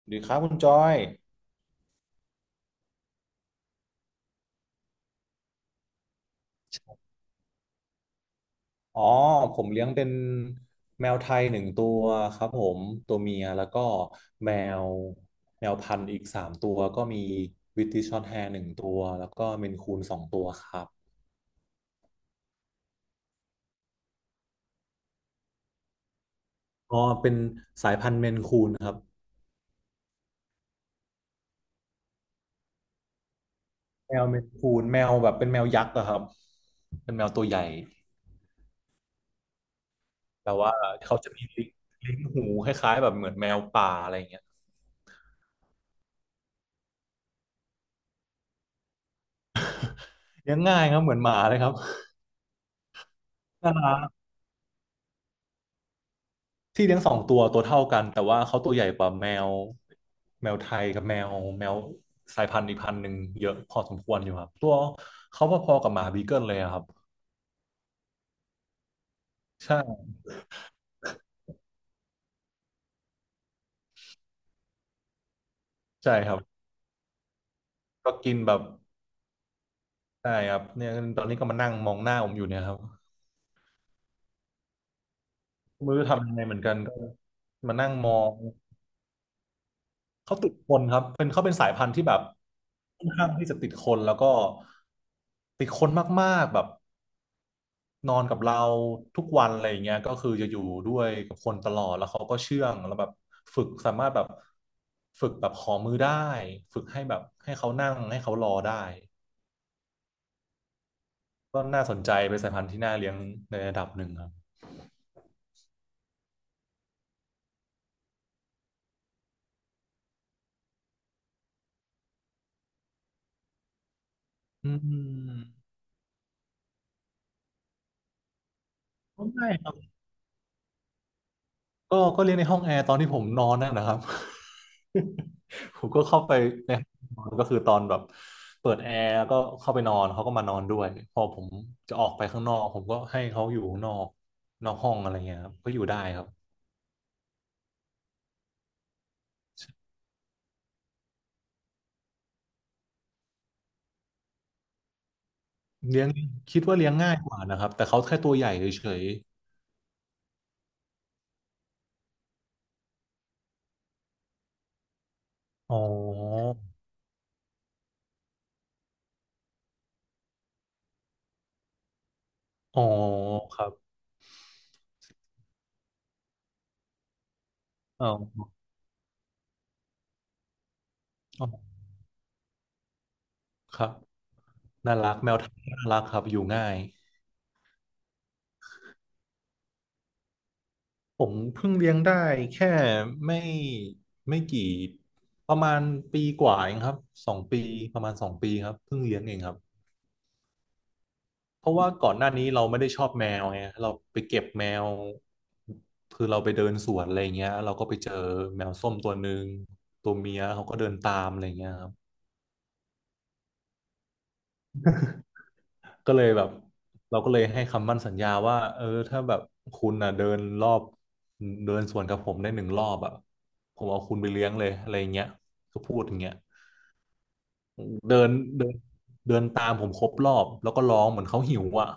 สวัสดีครับคุณจอยอ๋อผมเลี้ยงเป็นแมวไทยหนึ่งตัวครับผมตัวเมียแล้วก็แมวแมวพันธุ์อีก3 ตัวก็มีวิตติชช็อร์ตแฮร์หนึ่งตัวแล้วก็เมนคูนสองตัวครับอ๋อเป็นสายพันธุ์เมนคูนครับแมวเมนคูนแมวแบบเป็นแมวยักษ์อะครับเป็นแมวตัวใหญ่แต่ว่าเขาจะมีลิ้นลิ้นหูคล้ายๆแบบเหมือนแมวป่าอะไรอย่างเงี้ยเลี้ยงง่ายครับเหมือนหมาเลยครับน่ารัก ที่เลี้ยง2 ตัวตัวเท่ากันแต่ว่าเขาตัวใหญ่กว่าแมวไทยกับแมวสายพันธุ์อีกพันธุ์หนึ่งเยอะพอสมควรอยู่ครับตัวเขาพอๆกับหมาบีเกิลเลยอะครับใช่ใช่ครับก็กินแบบใช่ครับเนี่ยตอนนี้ก็มานั่งมองหน้าผมอยู่เนี่ยครับไม่รู้จะทำยังไงเหมือนกันก็มานั่งมองเขาติดคนครับเป็นเขาเป็นสายพันธุ์ที่แบบค่อนข้างที่จะติดคนแล้วก็ติดคนมากๆแบบ นอนกับเราทุกวันอะไรอย่างเงี้ยก็คือจะอยู่ด้วยกับคนตลอดแล้วเขาก็เชื่องแล้วแบบฝึกสามารถแบบฝึกแบบขอมือได้ฝึกให้แบบให้เขานั่งให้เขารอได้ก็น่าสนใจเป็นสายพันธุ์ที่น่าเลี้ยงในระดับหนึ่งครับอืมก็ไม่ครับ ก็เรียนในห้องแอร์ตอนที่ผมนอนนั่นนะครับ ผมก็เข้าไปในห้องนอนก็คือตอนแบบเปิดแอร์แล้วก็เข้าไปนอนเขาก็มานอนด้วยพอผมจะออกไปข้างนอกผมก็ให้เขาอยู่ข้างนอกนอกห้องอะไรเงี้ยครับก็อยู่ได้ครับเลี้ยงคิดว่าเลี้ยงง่ายกว่านะครับแต่เขาแค่ตัวใหญ่เฉยๆอ๋ออ๋อครับอ๋ออ๋อครับน่ารักแมวไทยน่ารักครับอยู่ง่าย ผมเพิ่งเลี้ยงได้แค่ไม่ไม่กี่ประมาณปีกว่าเองครับสองปีประมาณสองปีครับเพิ่งเลี้ยงเองครับเพราะว่าก่อนหน้านี้เราไม่ได้ชอบแมวไงเราไปเก็บแมวคือเราไปเดินสวนอะไรเงี้ยเราก็ไปเจอแมวส้มตัวหนึ่งตัวเมียเขาก็เดินตามอะไรเงี้ยครับก็เลยแบบเราก็เลยให้คำมั่นสัญญาว่าเออถ้าแบบคุณอ่ะเดินรอบเดินสวนกับผมได้1 รอบอ่ะผมเอาคุณไปเลี้ยงเลยอะไรเงี้ยก็พูดอย่างเงี้ย เดินเดินเดินตามผมครบรอบแล้วก็ร้องเหมือนเขาหิวอ่ะ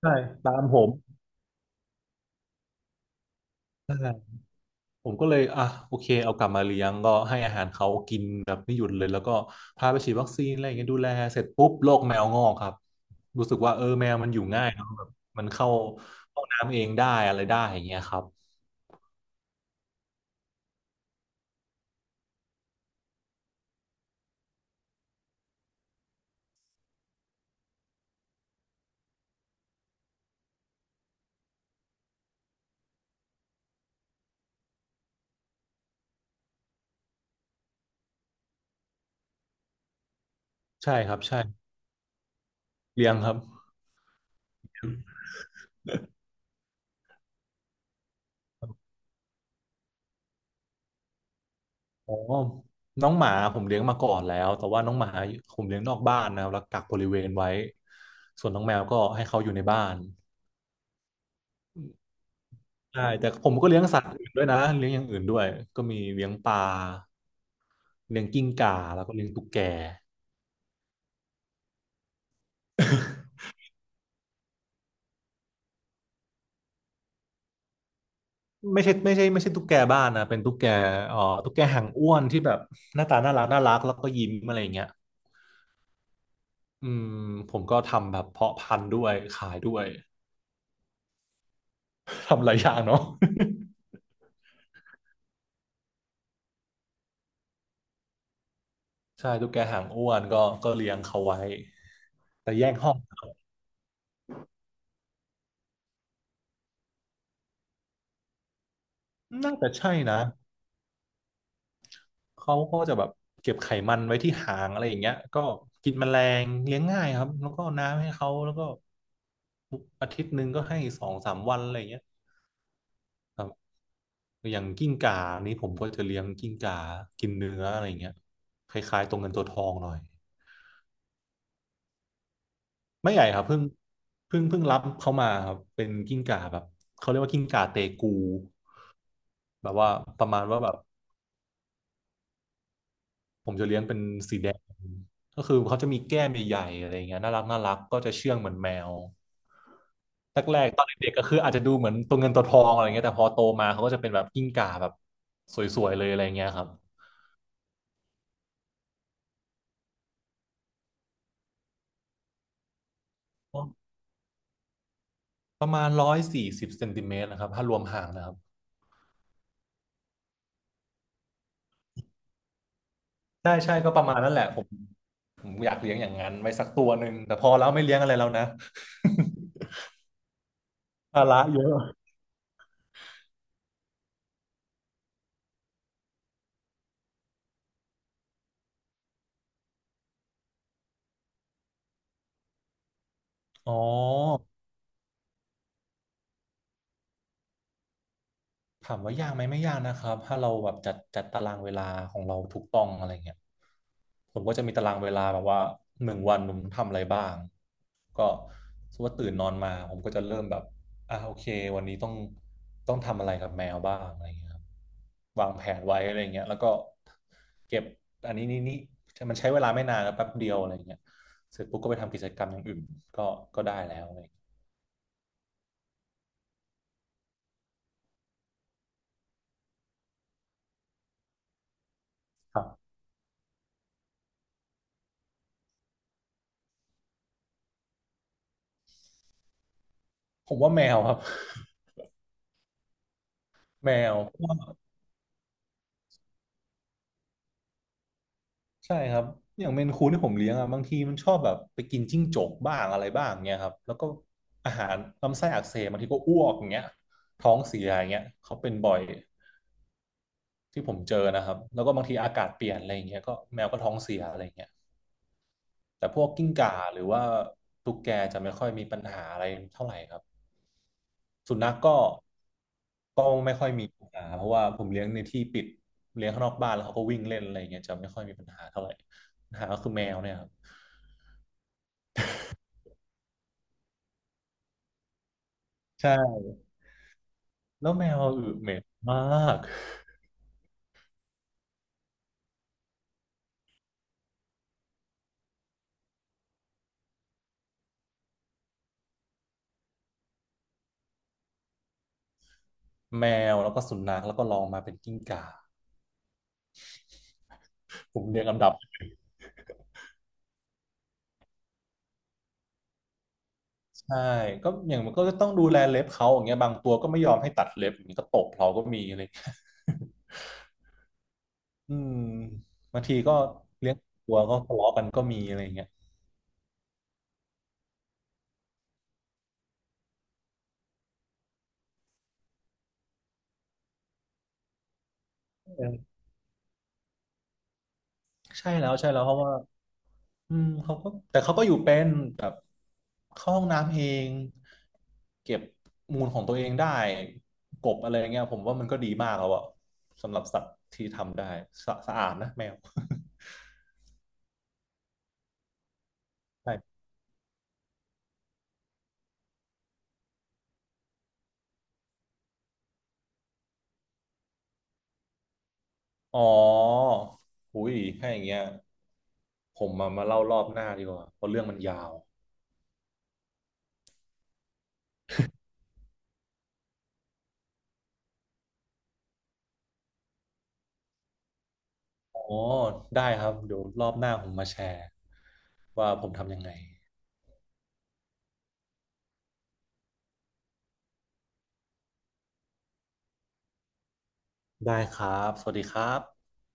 ใช่ตามผมใช่ผมก็เลยอ่ะโอเคเอากลับมาเลี้ยงก็ให้อาหารเขากินแบบไม่หยุดเลยแล้วก็พาไปฉีดวัคซีนอะไรอย่างเงี้ยดูแลเสร็จปุ๊บโรคแมวงอกครับรู้สึกว่าเออแมวมันอยู่ง่ายเนอะแบบมันเข้าห้องน้ำเองได้อะไรได้อย่างเงี้ยครับใช่ครับใช่เลี้ยงครับ อ๋อน้องหมาผมเลี้ยงมาก่อนแล้ว แต่ว่าน้องหมาผมเลี้ยงนอกบ้านนะครับแล้วกักบริเวณไว้ ส่วนน้องแมวก็ให้เขาอยู่ในบ้านใช่แต่ผมก็เลี้ยงสัตว์อื่นด้วยนะเลี้ยงอย่างอื่นด้วยก็มีเลี้ยงปลาเลี้ยงกิ้งก่าแล้วก็เลี้ยงตุ๊กแก ไม่ใช่ไม่ใช่ไม่ใช่ตุ๊กแกบ้านนะเป็นตุ๊กแกเอ่อตุ๊กแกหางอ้วนที่แบบหน้าตาน่ารักน่ารักแล้วก็ยิ้มอะไรอย่างเงี้ยอืมผมก็ทำแบบเพาะพันธุ์ด้วยขายด้วย ทำหลายอย่างเนาะ ใช่ตุ๊กแกหางอ้วนก็เลี้ยงเขาไว้แต่แยกห้องครับน่าจะใช่นะเขาก็จะแบบเก็บไขมันไว้ที่หางอะไรอย่างเงี้ยก็กินแมลงเลี้ยงง่ายครับแล้วก็น้ำให้เขาแล้วก็อาทิตย์หนึ่งก็ให้สองสามวันอะไรอย่างเงี้ยครับอย่างกิ้งก่านี่ผมก็จะเลี้ยงกิ้งก่ากินเนื้ออะไรอย่างเงี้ยคล้ายๆตัวเงินตัวทองหน่อยไม่ใหญ่ครับเพิ่งรับเขามาครับเป็นกิ้งก่าแบบเขาเรียกว่ากิ้งก่าเตกูแบบว่าประมาณว่าแบบ ผมจะเลี้ยงเป็นสีแดงก็คือเขาจะมีแก้มใหญ่ๆอะไรอย่างเงี้ยน่ารักก็จะเชื่องเหมือนแมวแรกๆตอนเด็กๆก็คืออาจจะดูเหมือนตัวเงินตัวทองอะไรเงี้ยแต่พอโตมาเขาก็จะเป็นแบบกิ้งก่าแบบสวยๆเลยอะไรเงี้ยครับประมาณ140เซนติเมตรนะครับถ้ารวมหางนะครับใช่ก็ประมาณนั้นแหละผมอยากเลี้ยงอย่างนั้นไว้สักตัวหนึ่งแต่พอแล้วไม่เลี้ยงอะไรแล้วนะ ภาระเยอะอ๋อ ถามว่ายากไหมไม่ยากนะครับถ้าเราแบบจัดตารางเวลาของเราถูกต้องอะไรเงี้ยผมก็จะมีตารางเวลาแบบว่าหนึ่งวันผมทำอะไรบ้างก็สมมติว่าตื่นนอนมาผมก็จะเริ่มแบบโอเควันนี้ต้องทำอะไรกับแมวบ้างอะไรเงี้ยครับวางแผนไว้อะไรเงี้ยแล้วก็เก็บอันนี้นี่มันใช้เวลาไม่นานนะแป๊บเดียวอะไรเงี้ยเสร็จปุ๊บก็ไปทำกิจกรรมอย่างอื่นก็ก็ได้แล้วอะไรเงี้ยครับผมว่าแมวครับ แมว ใช่ครับอย่างเมนคูนที่ผมเลี้ยงอ่ะบางทีมันชอบแบบไปกินจิ้งจกบ้างอะไรบ้างเงี้ยครับแล้วก็อาหารลำไส้อักเสบบางทีก็อ้วกอย่างเงี้ยท้องเสียอย่างเงี้ยเขาเป็นบ่อยที่ผมเจอนะครับแล้วก็บางทีอากาศเปลี่ยนอะไรอย่างเงี้ยก็แมวก็ท้องเสียอะไรอย่างเงี้ยแต่พวกกิ้งก่าหรือว่าตุ๊กแกจะไม่ค่อยมีปัญหาอะไรเท่าไหร่ครับสุนัขก็ก็ไม่ค่อยมีปัญหาเพราะว่าผมเลี้ยงในที่ปิดเลี้ยงข้างนอกบ้านแล้วเขาก็วิ่งเล่นอะไรอย่างเงี้ยจะไม่ค่อยมีปัญหาเท่าไหร่ปัญหาก็คือแมวเนี่ยครับ ใช่แล้วแมวอึเหม็นมากแมวแล้วก็สุนัขแล้วก็ลองมาเป็นกิ้งก่าผมเรียงลำดับใช่ก็อย่างมันก็จะต้องดูแลเล็บเขาอย่างเงี้ยบางตัวก็ไม่ยอมให้ตัดเล็บอย่างนี้ก็ตบเราก็มีอะไร อยงเงี้ยอืมบางทีก็เลี้ยงตัวก็ทะเลาะกันก็มีอะไรอย่างเงี้ยเออใช่แล้วเพราะว่า อืมเขาก็แต่เขาก็อยู่เป็นแบบเข้าห้องน้ำเองเก็บมูลของตัวเองได้กบอะไรเงี้ยผมว่ามันก็ดีมากแล้วอะสำหรับสัตว์ที่ทำได้สะอาดนะแมว ใช่อ๋อหุยถ้าอย่างเงี้ยผมมาเล่ารอบหน้าดีกว่าเพราะเรื่องมันยาวอ๋อได้ครับเดี๋ยวรอบหน้าผมมาแชร์ว่าผมทำยังไงได้ครับสวัสดีครับ